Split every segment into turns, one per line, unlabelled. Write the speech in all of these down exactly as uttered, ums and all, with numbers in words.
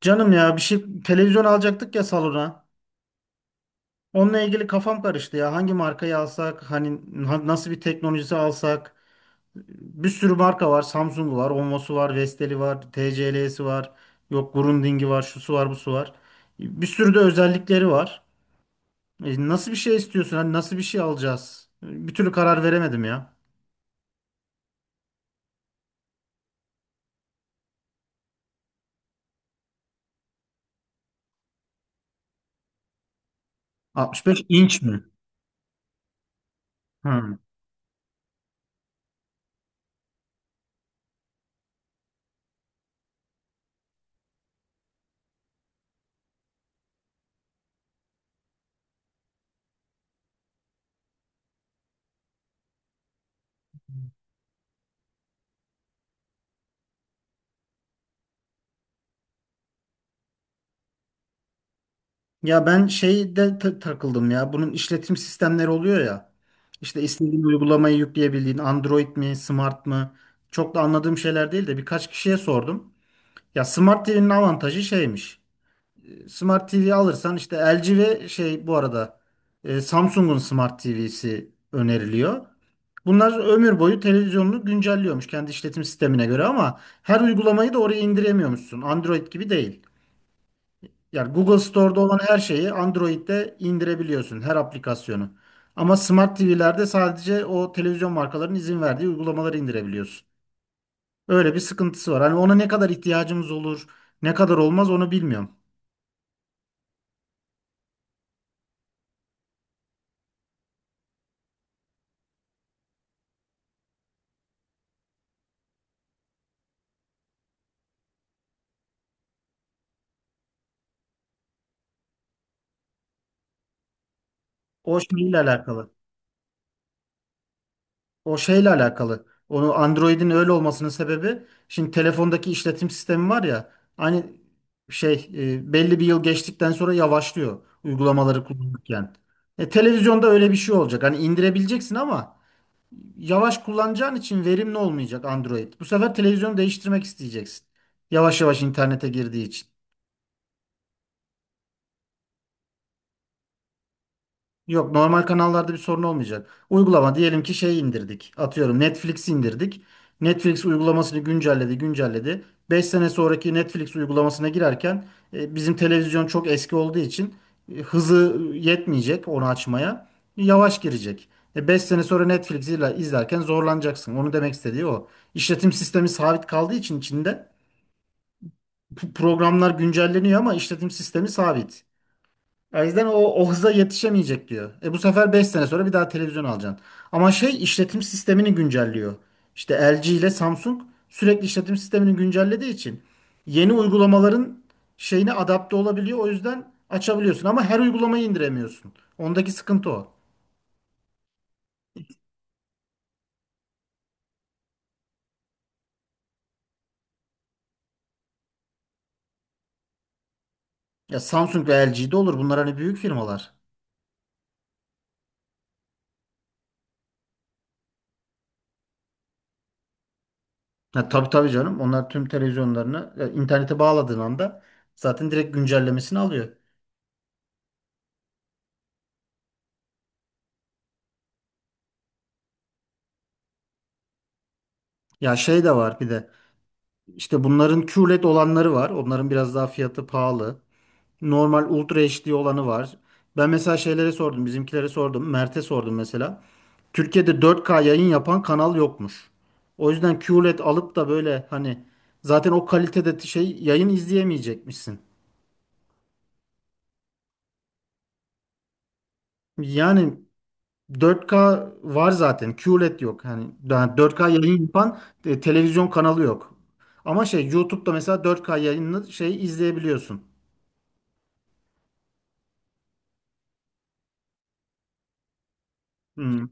Canım ya bir şey televizyon alacaktık ya salona. Onunla ilgili kafam karıştı ya. Hangi markayı alsak, hani na- nasıl bir teknolojisi alsak? Bir sürü marka var. Samsung var, Onvo'su var, Vestel'i var, T C L'si var. Yok Grundig'i var, şusu var, busu var. Bir sürü de özellikleri var. E, nasıl bir şey istiyorsun? Hani nasıl bir şey alacağız? Bir türlü karar veremedim ya. altmış beş inç mi? Hı. Ya ben şeyde ta- takıldım ya. Bunun işletim sistemleri oluyor ya. İşte istediğin uygulamayı yükleyebildiğin Android mi, Smart mı? Çok da anladığım şeyler değil de birkaç kişiye sordum. Ya Smart T V'nin avantajı şeymiş. E, Smart T V alırsan işte L G ve şey bu arada e, Samsung'un Smart T V'si öneriliyor. Bunlar ömür boyu televizyonunu güncelliyormuş kendi işletim sistemine göre ama her uygulamayı da oraya indiremiyormuşsun. Android gibi değil. Yani Google Store'da olan her şeyi Android'de indirebiliyorsun, her aplikasyonu. Ama Smart T V'lerde sadece o televizyon markalarının izin verdiği uygulamaları indirebiliyorsun. Öyle bir sıkıntısı var. Hani ona ne kadar ihtiyacımız olur, ne kadar olmaz onu bilmiyorum. O şeyle alakalı. O şeyle alakalı. Onu Android'in öyle olmasının sebebi şimdi telefondaki işletim sistemi var ya hani şey e, belli bir yıl geçtikten sonra yavaşlıyor uygulamaları kullanırken. E, televizyonda öyle bir şey olacak. Hani indirebileceksin ama yavaş kullanacağın için verimli olmayacak Android. Bu sefer televizyonu değiştirmek isteyeceksin. Yavaş yavaş internete girdiği için. Yok, normal kanallarda bir sorun olmayacak. Uygulama diyelim ki şey indirdik. Atıyorum Netflix indirdik. Netflix uygulamasını güncelledi, güncelledi. Beş sene sonraki Netflix uygulamasına girerken e, bizim televizyon çok eski olduğu için e, hızı yetmeyecek onu açmaya. Yavaş girecek. E, beş sene sonra Netflix'i izlerken zorlanacaksın. Onu demek istediği o. İşletim sistemi sabit kaldığı için içinde p- programlar güncelleniyor ama işletim sistemi sabit. O yüzden o, o hıza yetişemeyecek diyor. E bu sefer beş sene sonra bir daha televizyon alacaksın. Ama şey işletim sistemini güncelliyor. İşte L G ile Samsung sürekli işletim sistemini güncellediği için yeni uygulamaların şeyine adapte olabiliyor. O yüzden açabiliyorsun ama her uygulamayı indiremiyorsun. Ondaki sıkıntı o. Ya Samsung ve L G de olur. Bunlar hani büyük firmalar. Ha, tabii tabii canım. Onlar tüm televizyonlarını ya, internete bağladığın anda zaten direkt güncellemesini alıyor. Ya şey de var bir de işte bunların Q L E D olanları var. Onların biraz daha fiyatı pahalı. Normal Ultra H D olanı var. Ben mesela şeylere sordum, bizimkilere sordum, Mert'e sordum mesela. Türkiye'de dört K yayın yapan kanal yokmuş. O yüzden Q L E D alıp da böyle hani zaten o kalitede şey yayın izleyemeyecekmişsin. Yani dört K var zaten, Q L E D yok. Yani daha dört K yayın yapan e, televizyon kanalı yok. Ama şey YouTube'da mesela dört K yayını şey izleyebiliyorsun. Hmm.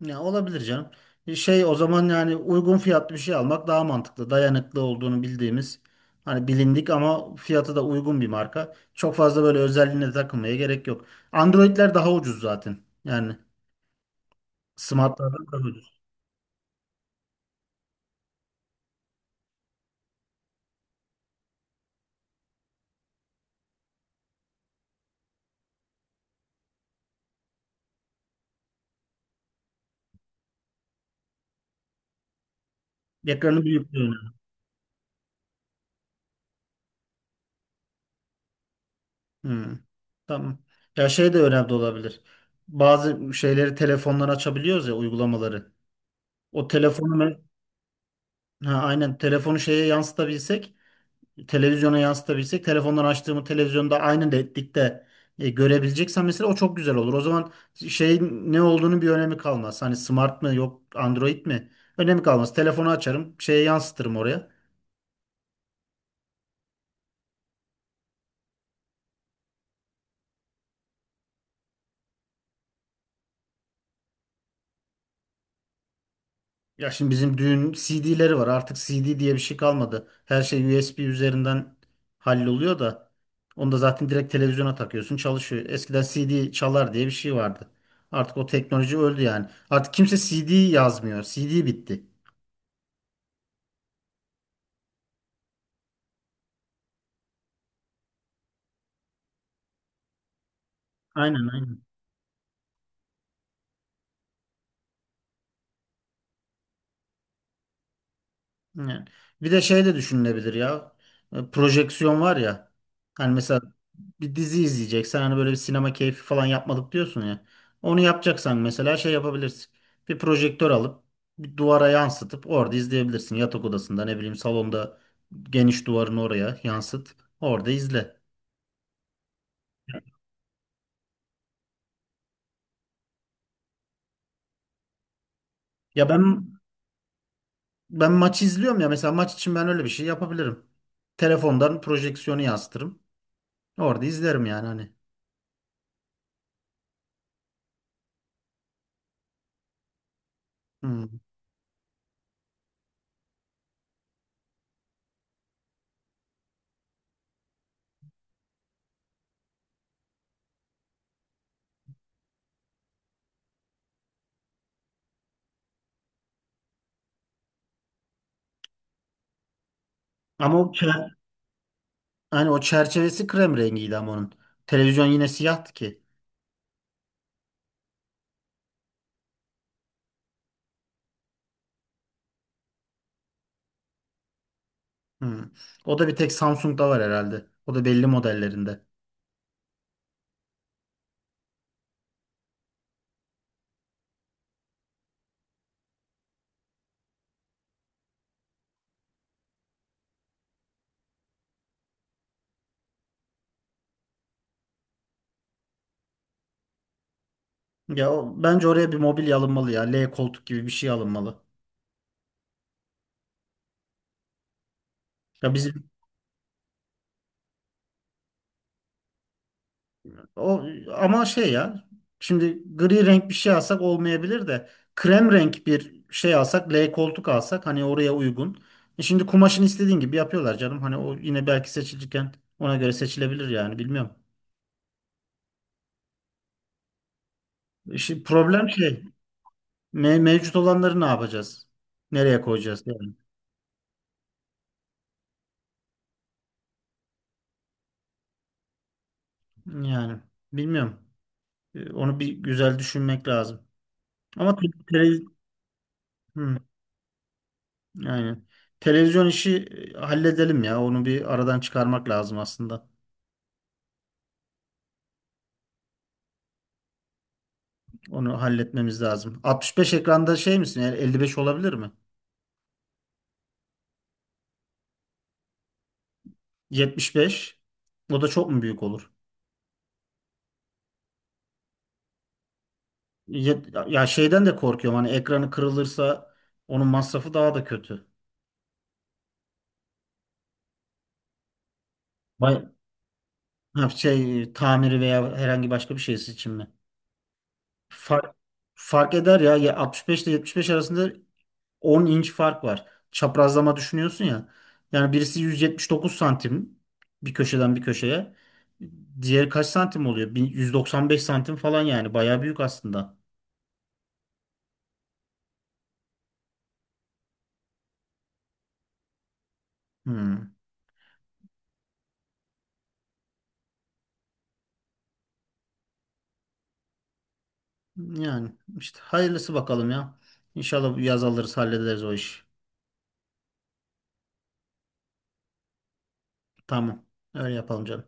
Ya olabilir canım. Bir şey o zaman, yani uygun fiyatlı bir şey almak daha mantıklı. Dayanıklı olduğunu bildiğimiz hani bilindik ama fiyatı da uygun bir marka. Çok fazla böyle özelliğine takılmaya gerek yok. Android'ler daha ucuz zaten. Yani smartlardan daha ucuz. Ekranı büyüklüğü önemli. Hmm. Tamam. Ya şey de önemli olabilir. Bazı şeyleri telefondan açabiliyoruz ya, uygulamaları. O telefonu me, ha, aynen, telefonu şeye yansıtabilsek, televizyona yansıtabilsek, telefondan açtığımı televizyonda aynı netlikte e, görebileceksem mesela o çok güzel olur. O zaman şeyin ne olduğunu bir önemi kalmaz. Hani smart mı yok Android mi? Önemi kalmaz. Telefonu açarım, şeye yansıtırım oraya. Ya şimdi bizim düğün C D'leri var. Artık C D diye bir şey kalmadı. Her şey U S B üzerinden halloluyor da onu da zaten direkt televizyona takıyorsun, çalışıyor. Eskiden C D çalar diye bir şey vardı. Artık o teknoloji öldü yani. Artık kimse C D yazmıyor. C D bitti. Aynen aynen. Yani. Bir de şey de düşünülebilir ya. E, projeksiyon var ya. Hani mesela bir dizi izleyeceksen, hani böyle bir sinema keyfi falan yapmadık diyorsun ya. Onu yapacaksan mesela şey yapabilirsin. Bir projektör alıp bir duvara yansıtıp orada izleyebilirsin. Yatak odasında, ne bileyim, salonda geniş duvarın oraya yansıt. Orada izle. Ya ben ben maç izliyorum ya, mesela maç için ben öyle bir şey yapabilirim. Telefondan projeksiyonu yansıtırım. Orada izlerim yani, hani. Hmm. Ama o kağıt, hani o çerçevesi krem rengiydi ama onun. Televizyon yine siyahtı ki. Hmm. O da bir tek Samsung'da var herhalde. O da belli modellerinde. Ya o, bence oraya bir mobilya alınmalı ya. L koltuk gibi bir şey alınmalı. Ya bizim o, ama şey ya. Şimdi gri renk bir şey alsak olmayabilir de, krem renk bir şey alsak, L koltuk alsak, hani oraya uygun. E şimdi kumaşını istediğin gibi yapıyorlar canım. Hani o yine belki seçilirken ona göre seçilebilir yani, bilmiyorum. İşte problem şey. Me- mevcut olanları ne yapacağız? Nereye koyacağız yani? Yani bilmiyorum. Ee, Onu bir güzel düşünmek lazım. Ama televizyon, yani televizyon işi e, halledelim ya. Onu bir aradan çıkarmak lazım aslında. Onu halletmemiz lazım. altmış beş ekranda şey misin? Yani elli beş olabilir mi? yetmiş beş. O da çok mu büyük olur? Yet- Ya şeyden de korkuyorum. Hani ekranı kırılırsa onun masrafı daha da kötü. Bay ha, şey tamiri veya herhangi başka bir şeysi için mi? Fark, fark eder ya. Ya altmış beş ile yetmiş beş arasında on inç fark var. Çaprazlama düşünüyorsun ya. Yani birisi yüz yetmiş dokuz santim, bir köşeden bir köşeye. Diğeri kaç santim oluyor? Bir- yüz doksan beş santim falan yani. Bayağı büyük aslında. Hmm. Yani işte hayırlısı bakalım ya. İnşallah bu yaz alırız, hallederiz o işi. Tamam. Öyle yapalım canım.